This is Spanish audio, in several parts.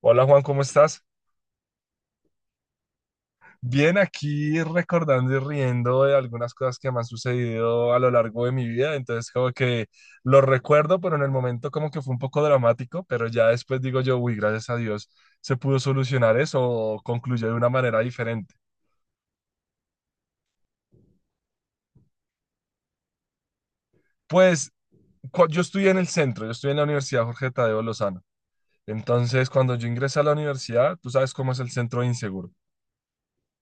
Hola Juan, ¿cómo estás? Bien, aquí recordando y riendo de algunas cosas que me han sucedido a lo largo de mi vida, entonces como que lo recuerdo, pero en el momento como que fue un poco dramático, pero ya después digo yo, uy, gracias a Dios se pudo solucionar eso o concluyó de una manera diferente. Pues yo estudié en el centro, yo estudié en la Universidad Jorge Tadeo Lozano, entonces cuando yo ingresé a la universidad, tú sabes cómo es el centro inseguro.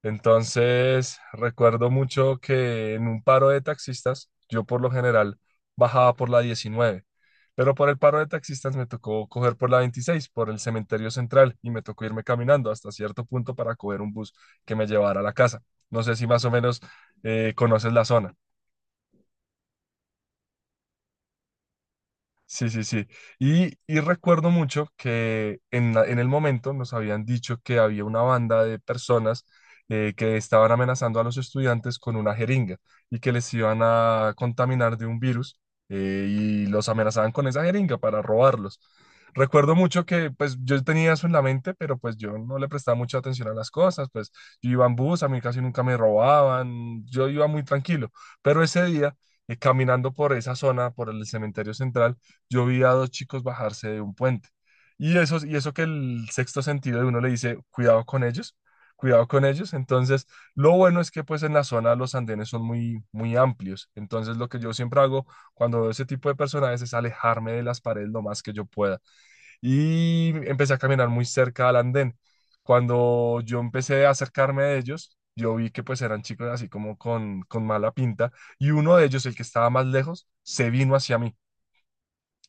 Entonces, recuerdo mucho que en un paro de taxistas, yo por lo general bajaba por la 19, pero por el paro de taxistas me tocó coger por la 26, por el cementerio central, y me tocó irme caminando hasta cierto punto para coger un bus que me llevara a la casa. No sé si más o menos conoces la zona. Sí, sí, sí. Y recuerdo mucho que en el momento nos habían dicho que había una banda de personas que estaban amenazando a los estudiantes con una jeringa y que les iban a contaminar de un virus, y los amenazaban con esa jeringa para robarlos. Recuerdo mucho que pues yo tenía eso en la mente, pero pues yo no le prestaba mucha atención a las cosas, pues yo iba en bus, a mí casi nunca me robaban, yo iba muy tranquilo, pero ese día, caminando por esa zona, por el cementerio central, yo vi a dos chicos bajarse de un puente. Y eso que el sexto sentido de uno le dice, cuidado con ellos, cuidado con ellos. Entonces, lo bueno es que pues en la zona los andenes son muy, muy amplios. Entonces, lo que yo siempre hago cuando veo ese tipo de personajes es alejarme de las paredes lo más que yo pueda. Y empecé a caminar muy cerca al andén. Cuando yo empecé a acercarme a ellos, yo vi que pues eran chicos así como con mala pinta y uno de ellos, el que estaba más lejos, se vino hacia mí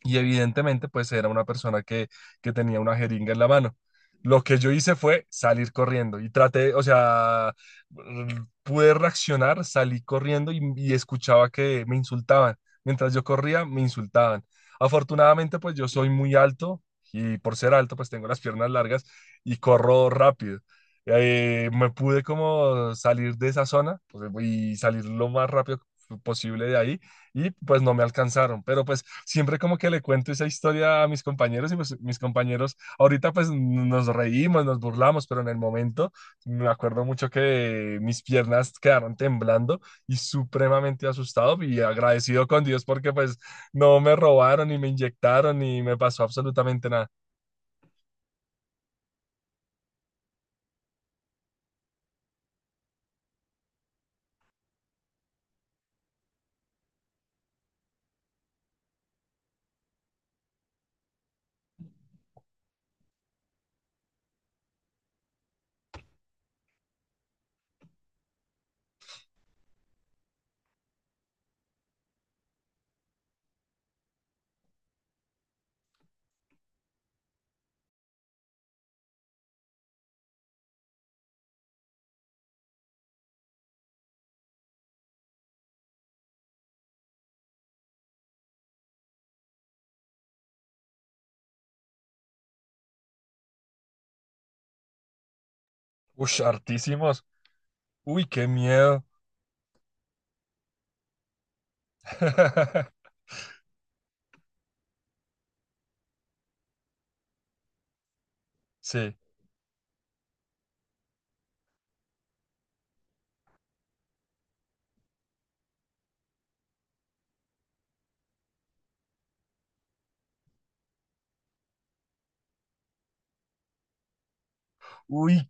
y evidentemente pues era una persona que tenía una jeringa en la mano. Lo que yo hice fue salir corriendo y traté, o sea, pude reaccionar, salí corriendo y escuchaba que me insultaban. Mientras yo corría, me insultaban. Afortunadamente pues yo soy muy alto y por ser alto pues tengo las piernas largas y corro rápido. Me pude como salir de esa zona pues, y salir lo más rápido posible de ahí y pues no me alcanzaron. Pero pues siempre como que le cuento esa historia a mis compañeros y pues mis compañeros ahorita pues nos reímos, nos burlamos, pero en el momento me acuerdo mucho que mis piernas quedaron temblando y supremamente asustado y agradecido con Dios porque pues no me robaron ni me inyectaron ni me pasó absolutamente nada. Uy, hartísimos. Uy, qué miedo. Sí. Uy,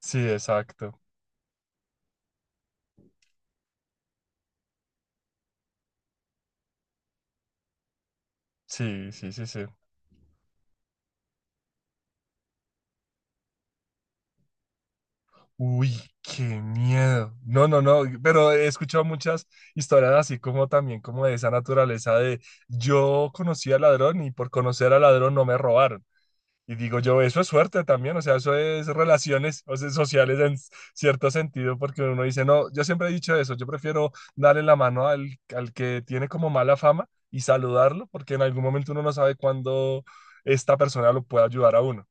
sí, exacto. Sí, sí, sí, sí. Uy, qué miedo. No, no, no, pero he escuchado muchas historias así como también como de esa naturaleza de yo conocí al ladrón y por conocer al ladrón no me robaron. Y digo yo, eso es suerte también, o sea, eso es relaciones, o sea, sociales en cierto sentido, porque uno dice, no, yo siempre he dicho eso, yo prefiero darle la mano al, al que tiene como mala fama y saludarlo, porque en algún momento uno no sabe cuándo esta persona lo puede ayudar a uno.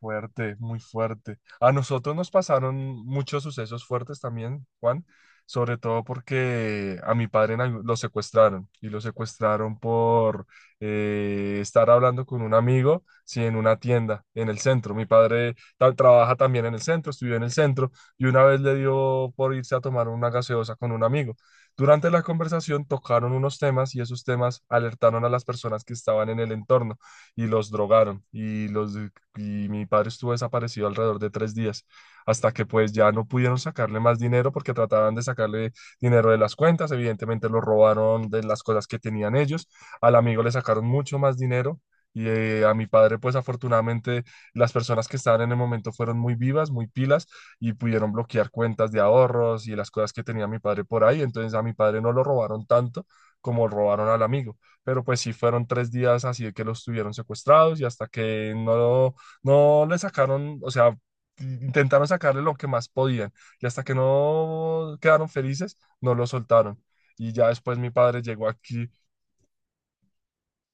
Fuerte, muy fuerte. A nosotros nos pasaron muchos sucesos fuertes también, Juan, sobre todo porque a mi padre en lo secuestraron y lo secuestraron por estar hablando con un amigo, sí, en una tienda, en el centro. Mi padre trabaja también en el centro, estudió en el centro y una vez le dio por irse a tomar una gaseosa con un amigo. Durante la conversación tocaron unos temas y esos temas alertaron a las personas que estaban en el entorno y los drogaron y los y mi padre estuvo desaparecido alrededor de 3 días, hasta que pues ya no pudieron sacarle más dinero porque trataban de sacarle dinero de las cuentas, evidentemente lo robaron de las cosas que tenían ellos, al amigo le sacaron mucho más dinero. Y a mi padre, pues afortunadamente las personas que estaban en el momento fueron muy vivas, muy pilas y pudieron bloquear cuentas de ahorros y las cosas que tenía mi padre por ahí. Entonces a mi padre no lo robaron tanto como robaron al amigo. Pero pues sí fueron 3 días así de que los tuvieron secuestrados y hasta que no no le sacaron, o sea, intentaron sacarle lo que más podían y hasta que no quedaron felices, no lo soltaron. Y ya después mi padre llegó aquí.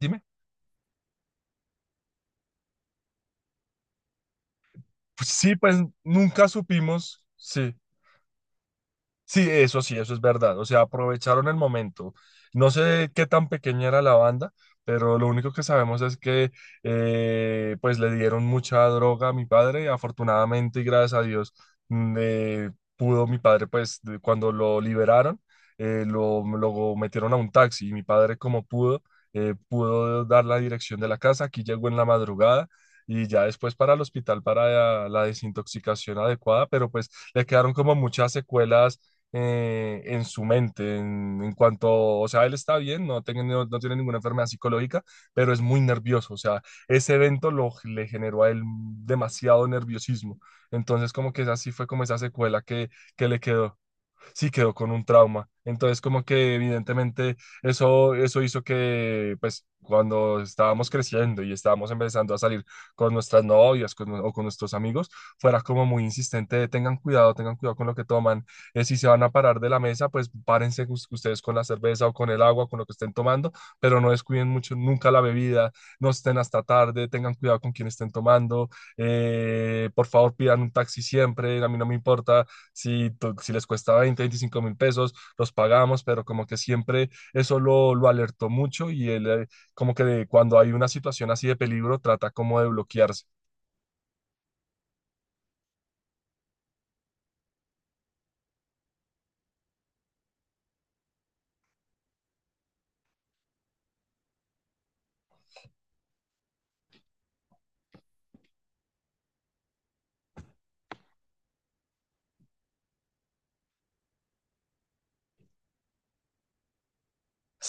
Dime, pues sí, pues nunca supimos, sí. Sí, eso es verdad. O sea, aprovecharon el momento. No sé qué tan pequeña era la banda, pero lo único que sabemos es que pues le dieron mucha droga a mi padre. Afortunadamente y gracias a Dios mm, eh, pudo mi padre, pues cuando lo liberaron, lo metieron a un taxi y mi padre como pudo, pudo dar la dirección de la casa. Aquí llegó en la madrugada. Y ya después para el hospital para la desintoxicación adecuada, pero pues le quedaron como muchas secuelas en su mente, en cuanto, o sea, él está bien, no, no, no tiene ninguna enfermedad psicológica, pero es muy nervioso, o sea, ese evento lo, le generó a él demasiado nerviosismo, entonces como que así fue como esa secuela que, que le quedó. Sí, quedó con un trauma. Entonces, como que evidentemente eso hizo que, pues, cuando estábamos creciendo y estábamos empezando a salir con nuestras novias o con nuestros amigos, fuera como muy insistente de, tengan cuidado con lo que toman. Si se van a parar de la mesa, pues párense ustedes con la cerveza o con el agua, con lo que estén tomando, pero no descuiden mucho nunca la bebida, no estén hasta tarde, tengan cuidado con quien estén tomando, por favor pidan un taxi siempre, a mí no me importa si, si les cuesta 20, 25.000 pesos, los pagamos, pero como que siempre eso lo alertó mucho y él, como que cuando hay una situación así de peligro trata como de bloquearse.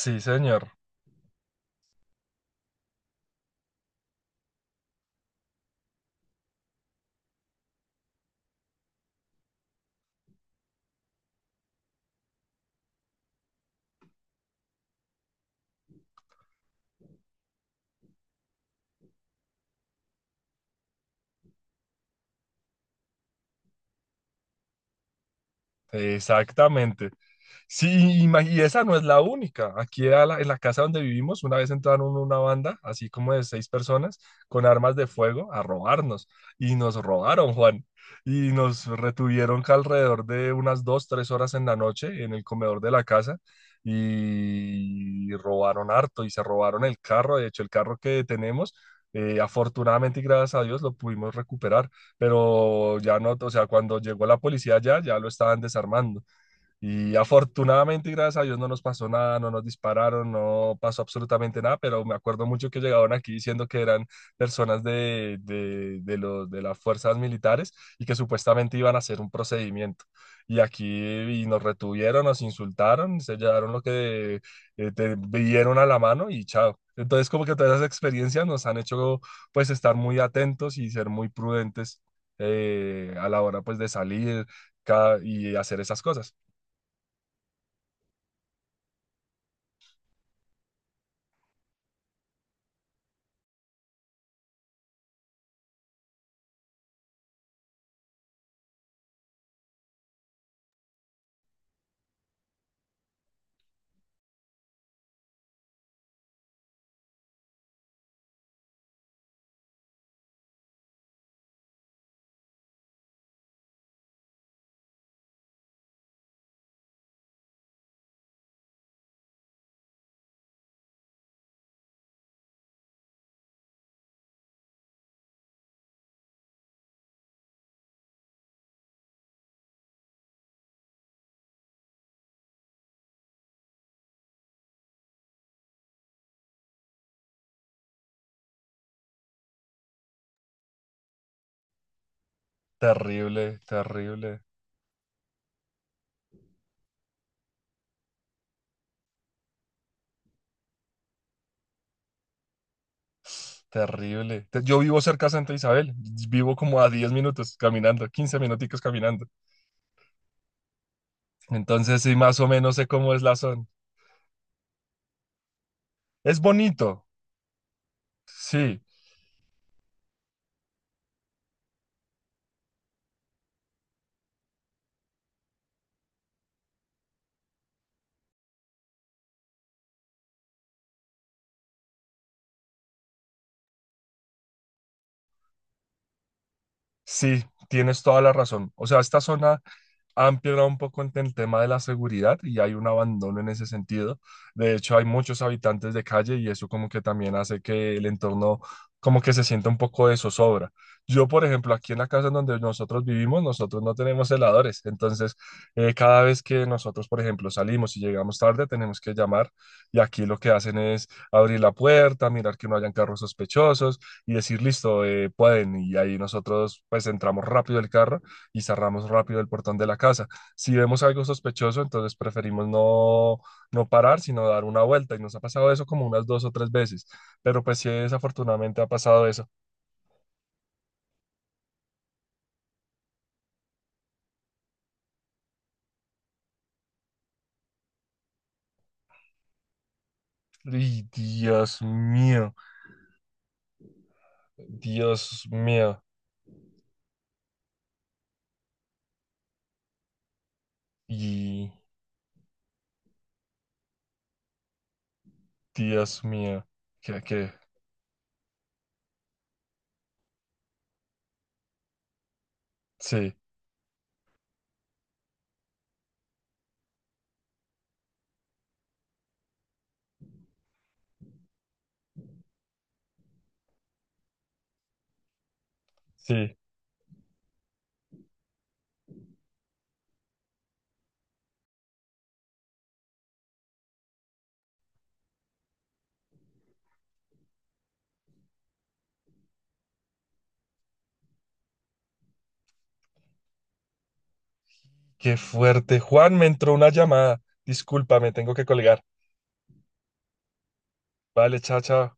Sí, señor, exactamente. Sí, y, y esa no es la única. Aquí a en la casa donde vivimos, una vez entraron una banda, así como de seis personas, con armas de fuego a robarnos. Y nos robaron, Juan. Y nos retuvieron que alrededor de unas 2, 3 horas en la noche en el comedor de la casa. Y robaron harto y se robaron el carro. De hecho, el carro que tenemos, afortunadamente y gracias a Dios, lo pudimos recuperar. Pero ya no, o sea, cuando llegó la policía ya, ya lo estaban desarmando. Y afortunadamente, y gracias a Dios, no nos pasó nada, no nos dispararon, no pasó absolutamente nada, pero me acuerdo mucho que llegaban aquí diciendo que eran personas de las fuerzas militares y que supuestamente iban a hacer un procedimiento. Y aquí y nos retuvieron, nos insultaron, se llevaron lo que te vieron a la mano y chao. Entonces, como que todas esas experiencias nos han hecho pues estar muy atentos y ser muy prudentes, a la hora pues de salir y hacer esas cosas. Terrible, terrible, terrible. Yo vivo cerca de Santa Isabel, vivo como a 10 minutos caminando, 15 minuticos caminando. Entonces sí, más o menos sé cómo es la zona. Es bonito, sí, sí, tienes toda la razón. O sea, esta zona han empeorado un poco en el tema de la seguridad y hay un abandono en ese sentido. De hecho, hay muchos habitantes de calle y eso como que también hace que el entorno como que se sienta un poco de zozobra. Yo, por ejemplo, aquí en la casa en donde nosotros vivimos, nosotros no tenemos heladores. Entonces, cada vez que nosotros, por ejemplo, salimos y llegamos tarde, tenemos que llamar y aquí lo que hacen es abrir la puerta, mirar que no hayan carros sospechosos y decir, listo, pueden. Y ahí nosotros pues entramos rápido el carro y cerramos rápido el portón de la casa. Si vemos algo sospechoso, entonces preferimos no, no parar, sino dar una vuelta. Y nos ha pasado eso como unas dos o tres veces. Pero pues sí, desafortunadamente ha pasado eso. Y Dios mío, y Dios mío, que, que, sí, sí, qué fuerte. Juan, me entró una llamada. Discúlpame, tengo que colgar. Vale, chao, chao.